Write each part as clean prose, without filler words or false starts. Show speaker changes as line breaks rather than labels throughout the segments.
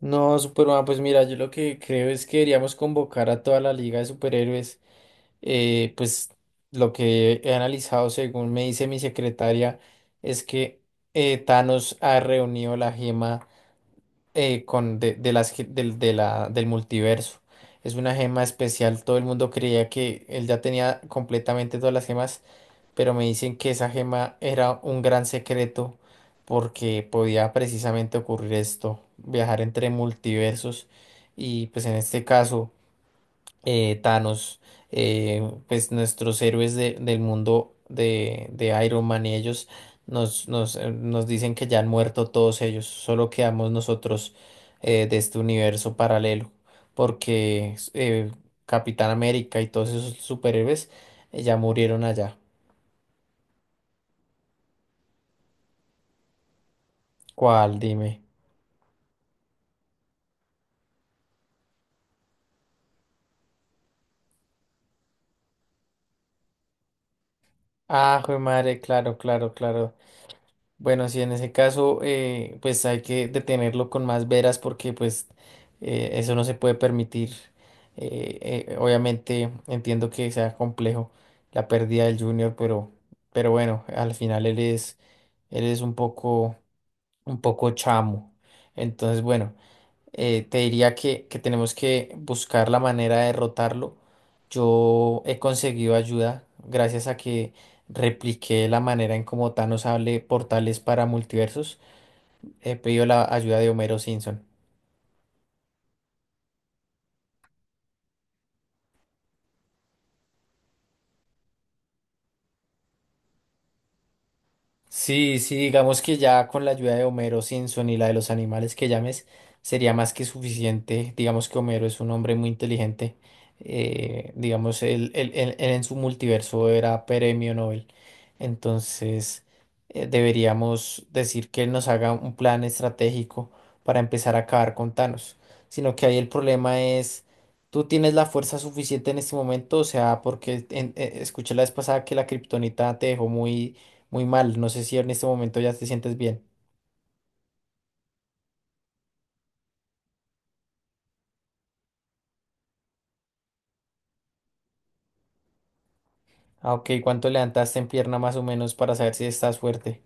No, Superman, pues mira, yo lo que creo es que deberíamos convocar a toda la Liga de Superhéroes. Pues lo que he analizado, según me dice mi secretaria, es que Thanos ha reunido la gema con de las, del multiverso. Es una gema especial, todo el mundo creía que él ya tenía completamente todas las gemas, pero me dicen que esa gema era un gran secreto porque podía precisamente ocurrir esto, viajar entre multiversos y pues en este caso Thanos, eh, pues nuestros héroes del mundo de Iron Man y ellos nos dicen que ya han muerto todos ellos, solo quedamos nosotros de este universo paralelo porque Capitán América y todos esos superhéroes ya murieron allá. ¿Cuál? Dime. Ah, jue madre, claro, claro, claro. Bueno, sí, en ese caso, pues hay que detenerlo con más veras porque pues eso no se puede permitir. Obviamente entiendo que sea complejo la pérdida del Junior, pero bueno, al final él es un poco chamo. Entonces, bueno. Te diría que tenemos que buscar la manera de derrotarlo. Yo he conseguido ayuda gracias a que repliqué la manera en cómo Thanos hable portales para multiversos. He pedido la ayuda de Homero Simpson. Sí, sí, digamos que ya con la ayuda de Homero Simpson y la de los animales que llames, sería más que suficiente. Digamos que Homero es un hombre muy inteligente. Digamos, él en su multiverso era premio Nobel. Entonces, deberíamos decir que él nos haga un plan estratégico para empezar a acabar con Thanos. Sino que ahí el problema es, ¿tú tienes la fuerza suficiente en este momento? O sea, porque escuché la vez pasada que la kriptonita te dejó muy muy mal, no sé si en este momento ya te sientes bien. Ah, ok, ¿cuánto levantaste en pierna más o menos para saber si estás fuerte?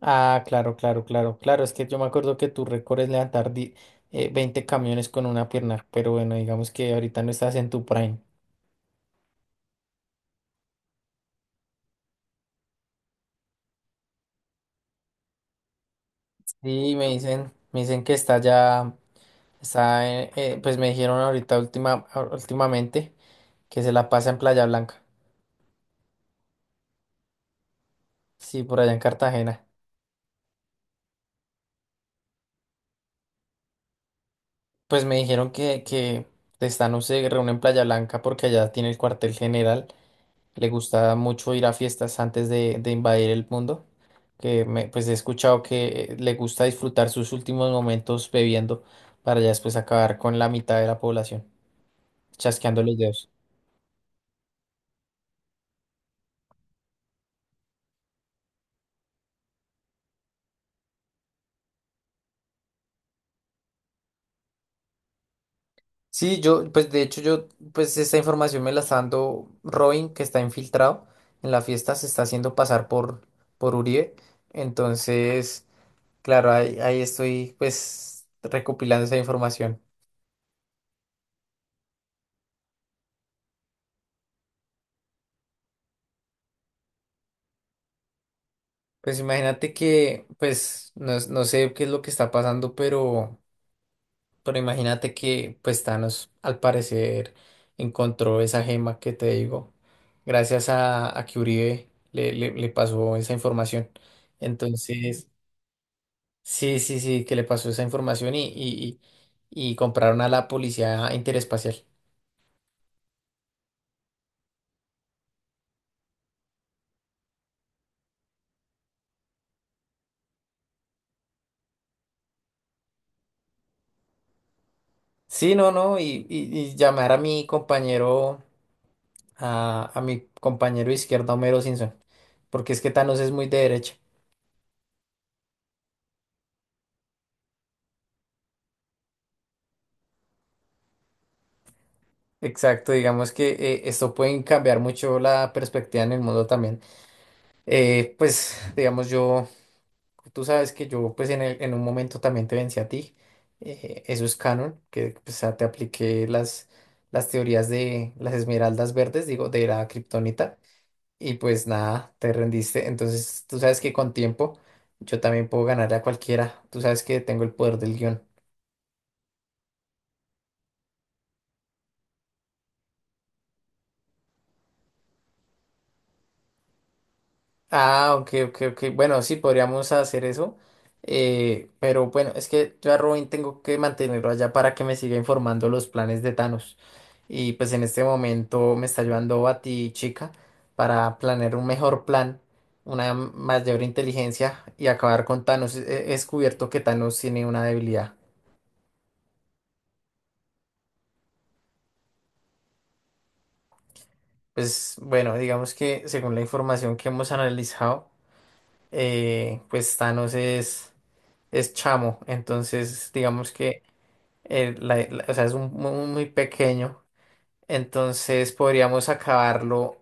Ah, claro, claro, claro, claro, es que yo me acuerdo que tu récord es levantar 20 camiones con una pierna, pero bueno, digamos que ahorita no estás en tu prime. Sí, me dicen que está ya, pues me dijeron ahorita últimamente que se la pasa en Playa Blanca, sí, por allá en Cartagena. Pues me dijeron que están, no se reúne en Playa Blanca porque allá tiene el cuartel general, le gusta mucho ir a fiestas antes de invadir el mundo, que me, pues he escuchado que le gusta disfrutar sus últimos momentos bebiendo para ya después acabar con la mitad de la población, chasqueando los dedos. Sí, yo, pues de hecho yo, pues esta información me la está dando Robin, que está infiltrado en la fiesta, se está haciendo pasar por Uribe. Entonces, claro, ahí estoy pues recopilando esa información. Pues imagínate que, pues, no, no sé qué es lo que está pasando, pero imagínate que, pues, Thanos, al parecer, encontró esa gema que te digo, gracias a que Uribe le pasó esa información. Entonces, sí, que le pasó esa información y compraron a la policía interespacial. Sí, no, no, y llamar a mi compañero, a mi compañero izquierdo, Homero Simpson, porque es que Thanos es muy de derecha. Exacto, digamos que esto puede cambiar mucho la perspectiva en el mundo también. Digamos, yo, tú sabes que yo, pues, en un momento también te vencí a ti. Eso es canon, que pues, ah, te apliqué las teorías de las esmeraldas verdes, digo, de la kriptonita. Y pues nada, te rendiste. Entonces, tú sabes que con tiempo yo también puedo ganarle a cualquiera. Tú sabes que tengo el poder del guión. Ah, ok, ok, ok. Bueno, sí, podríamos hacer eso. Pero bueno, es que yo a Robin tengo que mantenerlo allá para que me siga informando los planes de Thanos. Y pues en este momento me está ayudando a chica, para planear un mejor plan, una mayor inteligencia y acabar con Thanos. He descubierto que Thanos tiene una debilidad. Pues bueno, digamos que según la información que hemos analizado, pues es chamo. Entonces, digamos que. Eh, o sea, muy, muy pequeño, entonces podríamos acabarlo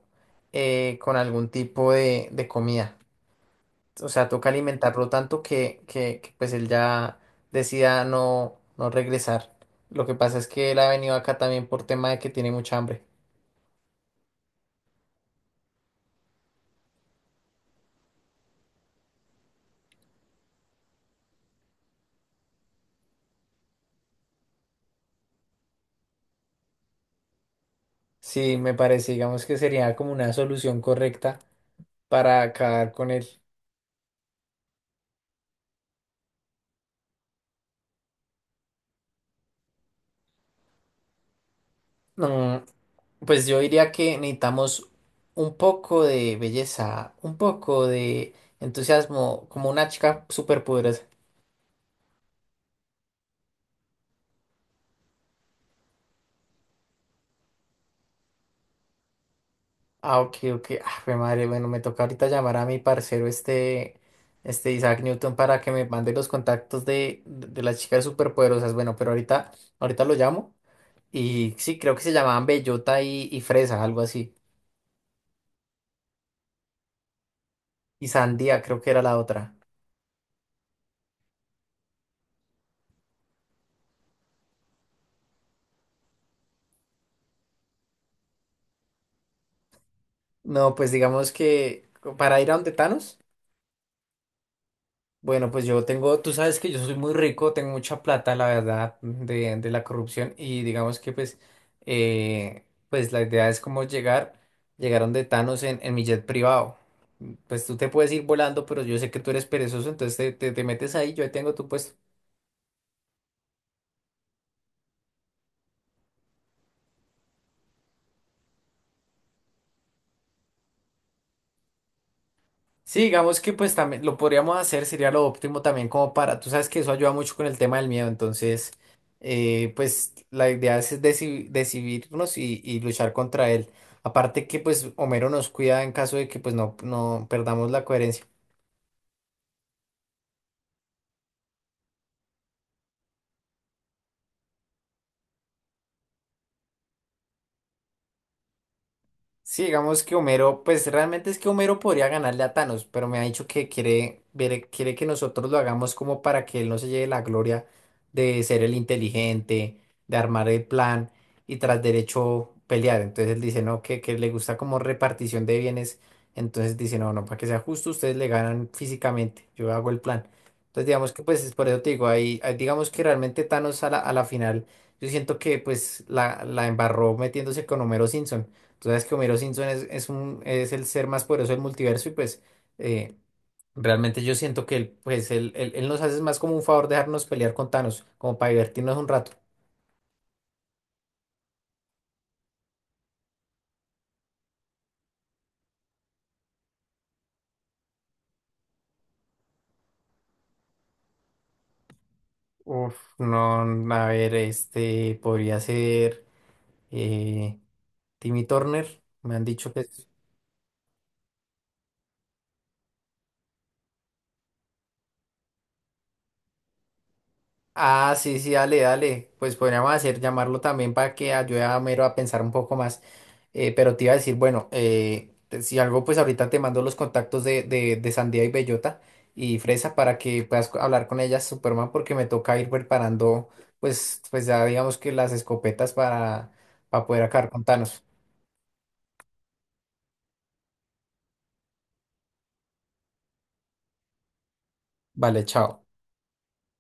con algún tipo de comida. O sea, toca alimentarlo tanto que, pues él ya decida no, no regresar. Lo que pasa es que él ha venido acá también por tema de que tiene mucha hambre. Sí, me parece, digamos que sería como una solución correcta para acabar con él. Pues yo diría que necesitamos un poco de belleza, un poco de entusiasmo, como una chica súper poderosa. Ah, ok, ok. Ah, jue madre, bueno, me toca ahorita llamar a mi parcero este, este Isaac Newton para que me mande los contactos de las chicas superpoderosas. Bueno, pero ahorita lo llamo. Y sí, creo que se llamaban Bellota y Fresa, algo así. Y Sandía, creo que era la otra. No, pues digamos que para ir a donde Thanos. Bueno, pues yo tengo, tú sabes que yo soy muy rico, tengo mucha plata, la verdad, de la corrupción y digamos que pues, eh, pues la idea es como llegar donde Thanos en mi jet privado. Pues tú te puedes ir volando, pero yo sé que tú eres perezoso, entonces te metes ahí, yo ahí tengo tu puesto. Sí, digamos que pues también lo podríamos hacer, sería lo óptimo también como para, tú sabes que eso ayuda mucho con el tema del miedo, entonces pues la idea es decidirnos y luchar contra él. Aparte que pues Homero nos cuida en caso de que pues no, no perdamos la coherencia. Sí, digamos que Homero, pues realmente es que Homero podría ganarle a Thanos, pero me ha dicho que quiere, quiere que nosotros lo hagamos como para que él no se lleve la gloria de ser el inteligente, de armar el plan y tras derecho pelear. Entonces él dice, no, que le gusta como repartición de bienes. Entonces dice, no, no, para que sea justo, ustedes le ganan físicamente, yo hago el plan. Entonces digamos que pues es por eso te digo, ahí, ahí digamos que realmente Thanos a la final, yo siento que pues la embarró metiéndose con Homero Simpson. Entonces que Homero Simpson es el ser más poderoso del multiverso y pues eh, realmente yo siento que él, pues, él nos hace más como un favor dejarnos pelear con Thanos, como para divertirnos un rato. Uf, no, a ver, este podría ser eh, Timmy Turner, me han dicho que es Ah, sí, sí, dale, dale. Pues podríamos hacer llamarlo también para que ayude a Mero a pensar un poco más. Pero te iba a decir, bueno, si algo, pues ahorita te mando los contactos de Sandía y Bellota y Fresa para que puedas hablar con ellas, Superman, porque me toca ir preparando, pues, pues ya digamos que las escopetas para poder acabar con Thanos. Vale, chao.